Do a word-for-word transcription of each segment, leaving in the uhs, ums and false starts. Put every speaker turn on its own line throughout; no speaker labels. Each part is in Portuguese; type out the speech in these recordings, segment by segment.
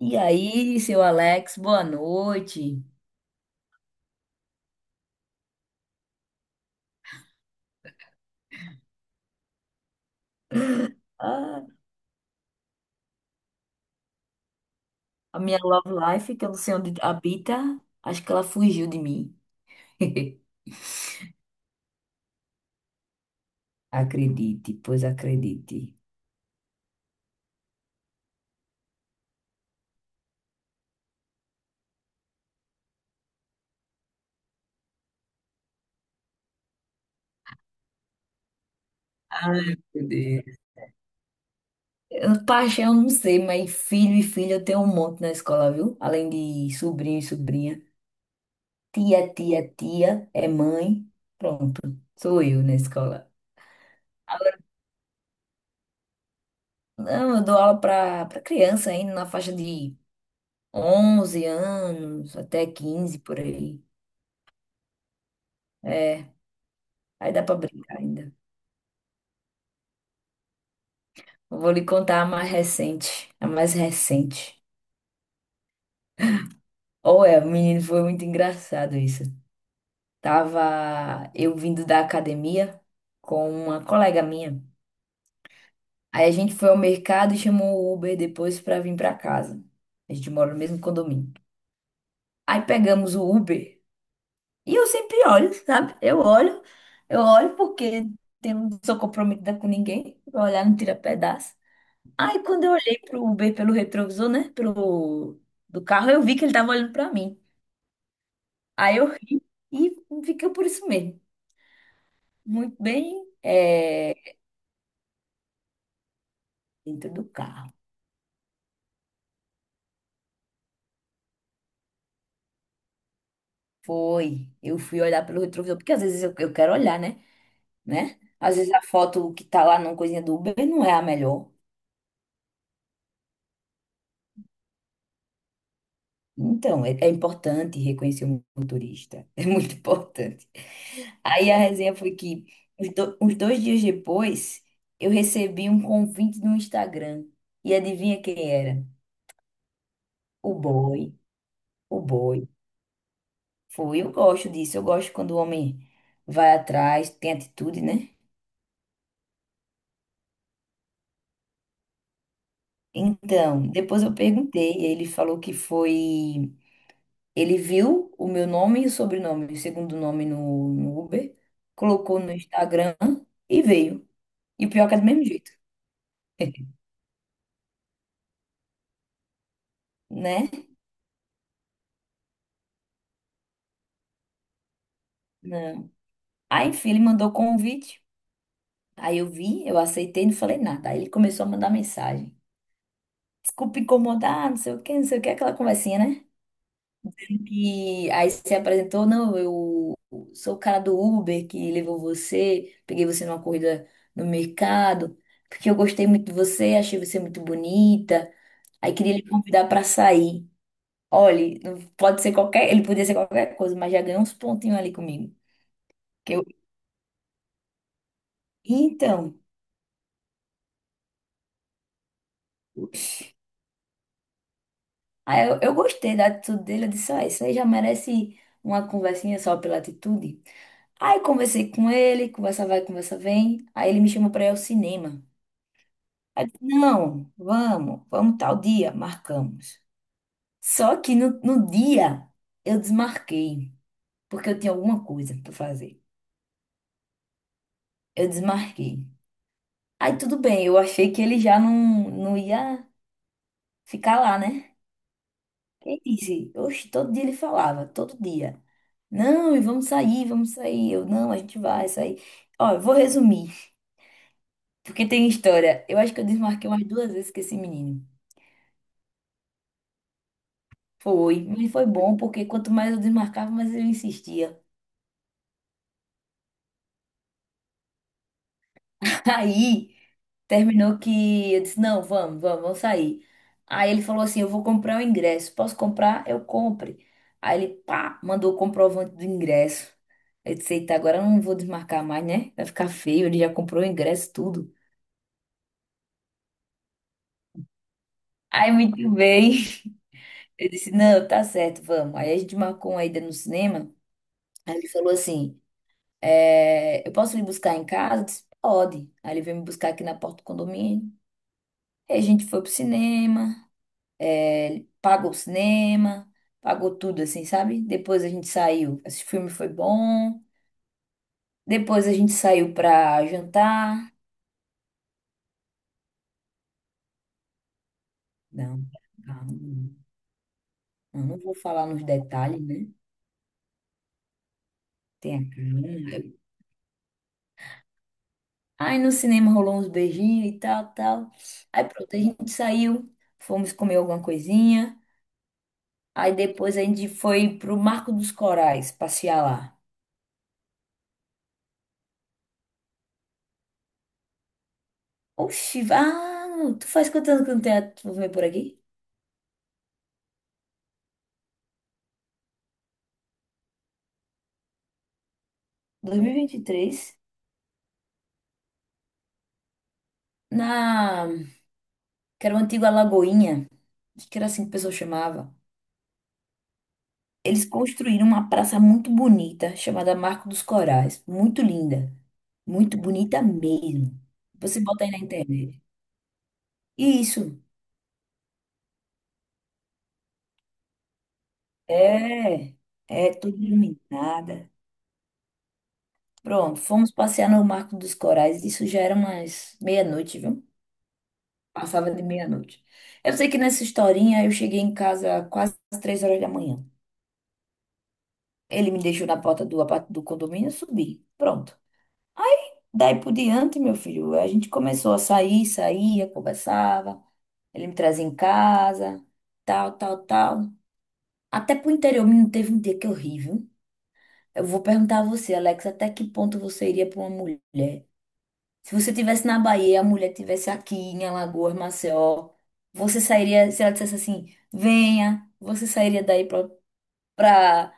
E aí, seu Alex, boa noite. Ah, a minha love life, que eu não sei onde habita, acho que ela fugiu de mim. Acredite, pois acredite. Ai, meu Deus. Eu- Paixão, não sei, mas filho e filha eu tenho um monte na escola, viu? Além de sobrinho e sobrinha. Tia, tia, tia, é mãe. Pronto, sou eu na escola. Agora, não, eu dou aula para criança ainda, na faixa de onze anos, até quinze por aí. É, aí dá pra brincar ainda. Eu vou lhe contar a mais recente, a mais recente. Ou é, menino, foi muito engraçado isso. Tava eu vindo da academia com uma colega minha. Aí a gente foi ao mercado e chamou o Uber depois pra vir pra casa. A gente mora no mesmo condomínio. Aí pegamos o Uber e eu sempre olho, sabe? Eu olho, eu olho porque eu não sou comprometida com ninguém. Vou olhar, não tira pedaço. Aí quando eu olhei pro Uber pelo retrovisor, né, pro do carro, eu vi que ele tava olhando pra mim. Aí eu ri e fiquei por isso mesmo. Muito bem, é, dentro do carro. Foi. Eu fui olhar pelo retrovisor, porque às vezes eu, eu quero olhar, né? Né? Às vezes a foto que tá lá na coisinha do Uber não é a melhor. Então, é, é importante reconhecer o motorista. É muito importante. Aí a resenha foi que, os do- uns dois dias depois, eu recebi um convite no Instagram. E adivinha quem era? O boy. O boy. Foi. Eu gosto disso. Eu gosto quando o homem vai atrás, tem atitude, né? Então, depois eu perguntei. E Ele falou que foi. Ele viu o meu nome e o sobrenome, o segundo nome no, no Uber, colocou no Instagram e veio. E o pior é que é do mesmo jeito, né? Não. Aí, enfim, ele mandou o convite. Aí eu vi, eu aceitei, não falei nada. Aí ele começou a mandar mensagem. Desculpa incomodar, não sei o quê, não sei o quê, aquela conversinha, né? E aí se apresentou, não, eu sou o cara do Uber que levou você, peguei você numa corrida no mercado, porque eu gostei muito de você, achei você muito bonita. Aí queria lhe convidar pra sair. Olha, não- pode ser qualquer, ele podia ser qualquer coisa, mas já ganhou uns pontinhos ali comigo. Que eu, então, Aí eu, eu gostei da atitude dele, eu disse, ó, isso aí já merece uma conversinha só pela atitude. Aí conversei com ele, conversa vai, conversa vem. Aí ele me chamou pra ir ao cinema. Aí eu disse, não, vamos, vamos tal dia, marcamos. Só que no, no dia eu desmarquei, porque eu tinha alguma coisa pra fazer. Eu desmarquei. Aí tudo bem, eu achei que ele já não, não ia ficar lá, né? Ele disse, oxe, todo dia ele falava, todo dia. Não, e vamos sair, vamos sair. Eu, não, a gente vai sair. Ó, eu vou resumir, porque tem história. Eu acho que eu desmarquei umas duas vezes com esse menino. Foi, mas foi bom, porque quanto mais eu desmarcava, mais ele insistia. Aí. Terminou que eu disse, não, vamos, vamos, vamos sair. Aí ele falou assim, eu vou comprar o ingresso. Posso comprar? Eu compre. Aí ele, pá, mandou o comprovante do ingresso. Eu disse, eita, agora eu não vou desmarcar mais, né? Vai ficar feio, ele já comprou o ingresso, tudo. Aí, muito bem. Eu disse, não, tá certo, vamos. Aí a gente marcou uma ida no cinema. Aí ele falou assim, é, eu posso lhe buscar em casa? Eu disse, pode. Aí ele veio me buscar aqui na porta do condomínio. Aí a gente foi pro cinema. Ele pagou o cinema, pagou tudo, assim, sabe? Depois a gente saiu. Esse filme foi bom. Depois a gente saiu pra jantar. Não, calma. Eu não vou falar nos detalhes, né? Tem a câmera. Aí no cinema rolou uns beijinhos e tal, tal. Aí pronto, a gente saiu, fomos comer alguma coisinha. Aí depois a gente foi pro Marco dos Corais passear lá. Oxi, ah, tu faz quantos anos que não tem a- tu vem por aqui? dois mil e vinte e três. Na que era uma antiga Lagoinha, acho que era assim que o pessoal chamava. Eles construíram uma praça muito bonita, chamada Marco dos Corais. Muito linda. Muito bonita mesmo. Você bota aí na internet. Isso. É. É tudo iluminada. Pronto, fomos passear no Marco dos Corais. Isso já era umas meia-noite, viu? Passava de meia-noite. Eu sei que nessa historinha eu cheguei em casa quase às três horas da manhã. Ele me deixou na porta do apart- do condomínio e subi. Pronto. Daí por diante, meu filho, a gente começou a sair, saía, conversava. Ele me trazia em casa, tal, tal, tal. Até pro interior, menino, teve um dia que eu ri, viu? Eu vou perguntar a você, Alex, até que ponto você iria pra uma mulher? Se você tivesse na Bahia, a mulher tivesse aqui em Alagoas, Maceió, você sairia, se ela dissesse assim, venha, você sairia daí pra, pra,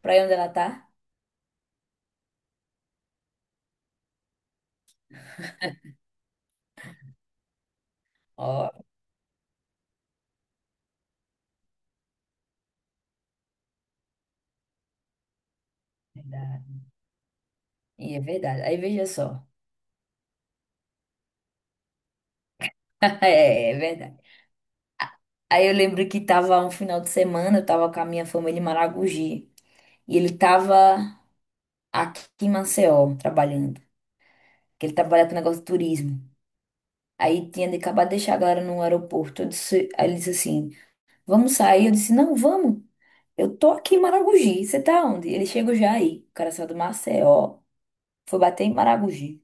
pra aí onde ela tá? Ó, é verdade. E é verdade. Aí veja só. É, é verdade. Aí eu lembro que tava um final de semana, eu tava com a minha família em Maragogi. E ele tava aqui em Maceió, trabalhando. Que ele trabalha com negócio de turismo. Aí tinha de acabar de deixar a galera no aeroporto. Eu disse- aí ele disse assim: vamos sair? Eu disse: não, vamos. Eu tô aqui em Maragogi. Você tá onde? Ele chegou já aí. O cara saiu do Maceió, foi bater em Maragogi.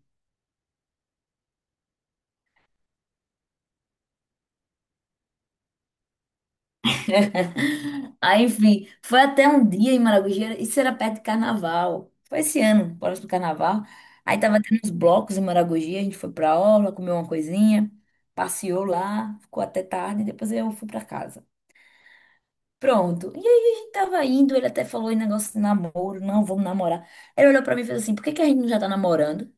Aí, enfim, foi até um dia em Maragogi, isso era perto de carnaval. Foi esse ano, próximo carnaval. Aí tava tendo uns blocos em Maragogi, a gente foi pra orla, comeu uma coisinha, passeou lá, ficou até tarde, depois eu fui pra casa. Pronto. E aí a gente tava indo, ele até falou em negócio de namoro, não, vamos namorar. Ele olhou pra mim e fez assim: por que que a gente não já tá namorando?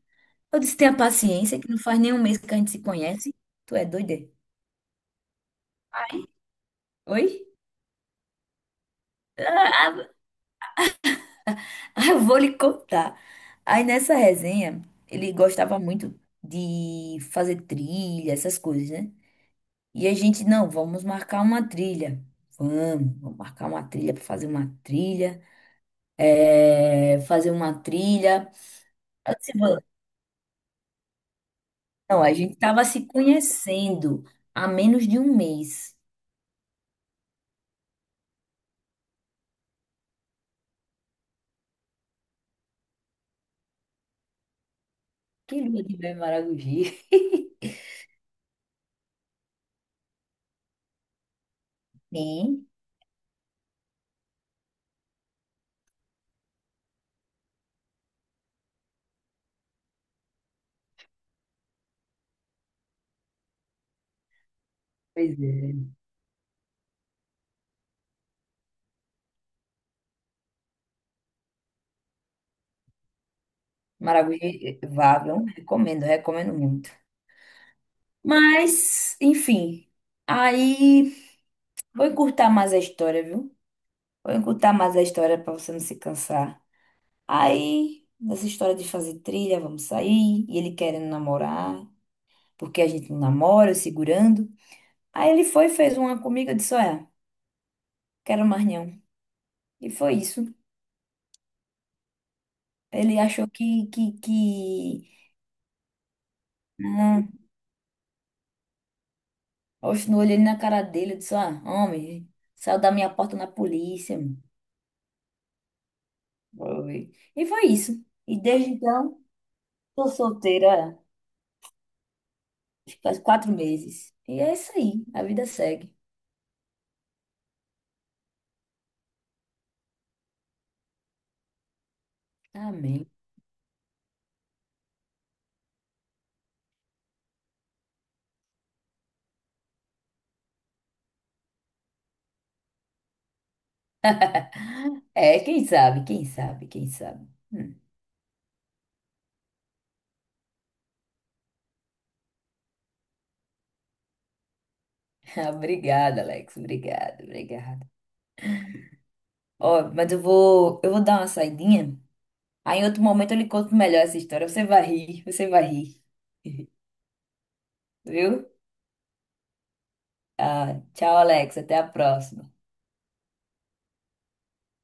Eu disse: tenha paciência, que não faz nem um mês que a gente se conhece. Tu é doida? Oi? Ah, eu vou lhe contar. Aí nessa resenha, ele gostava muito de fazer trilha, essas coisas, né? E a gente, não, vamos marcar uma trilha. Vamos, vamos marcar uma trilha para fazer uma trilha. É, fazer uma trilha. Eu disse, "vamos." Não, a gente tava se conhecendo há menos de um mês. Que lua de mel em Maragogi. Sim, pois é. Maragogi, eh, vá, viu? Recomendo, recomendo muito. Mas, enfim. Aí, vou encurtar mais a história, viu? Vou encurtar mais a história pra você não se cansar. Aí, nessa história de fazer trilha, vamos sair. E ele querendo namorar, porque a gente não namora, eu segurando. Aí ele foi, fez uma comigo, eu disse, olha, quero mais não. E foi isso. Ele achou que, que, que... Não. Oxe, no olho ele na cara dele, eu disse, ah, homem, saiu da minha porta na polícia. Mano." Foi. E foi isso. E desde então tô solteira faz quatro meses. E é isso aí, a vida segue. Amém. É, quem sabe, quem sabe, quem sabe. Hum. Obrigada, Alex. Obrigada, obrigada. Ó, mas eu vou, eu vou dar uma saidinha. Aí em outro momento eu lhe conto melhor essa história. Você vai rir, você vai rir. Viu? Ah, tchau, Alex. Até a próxima.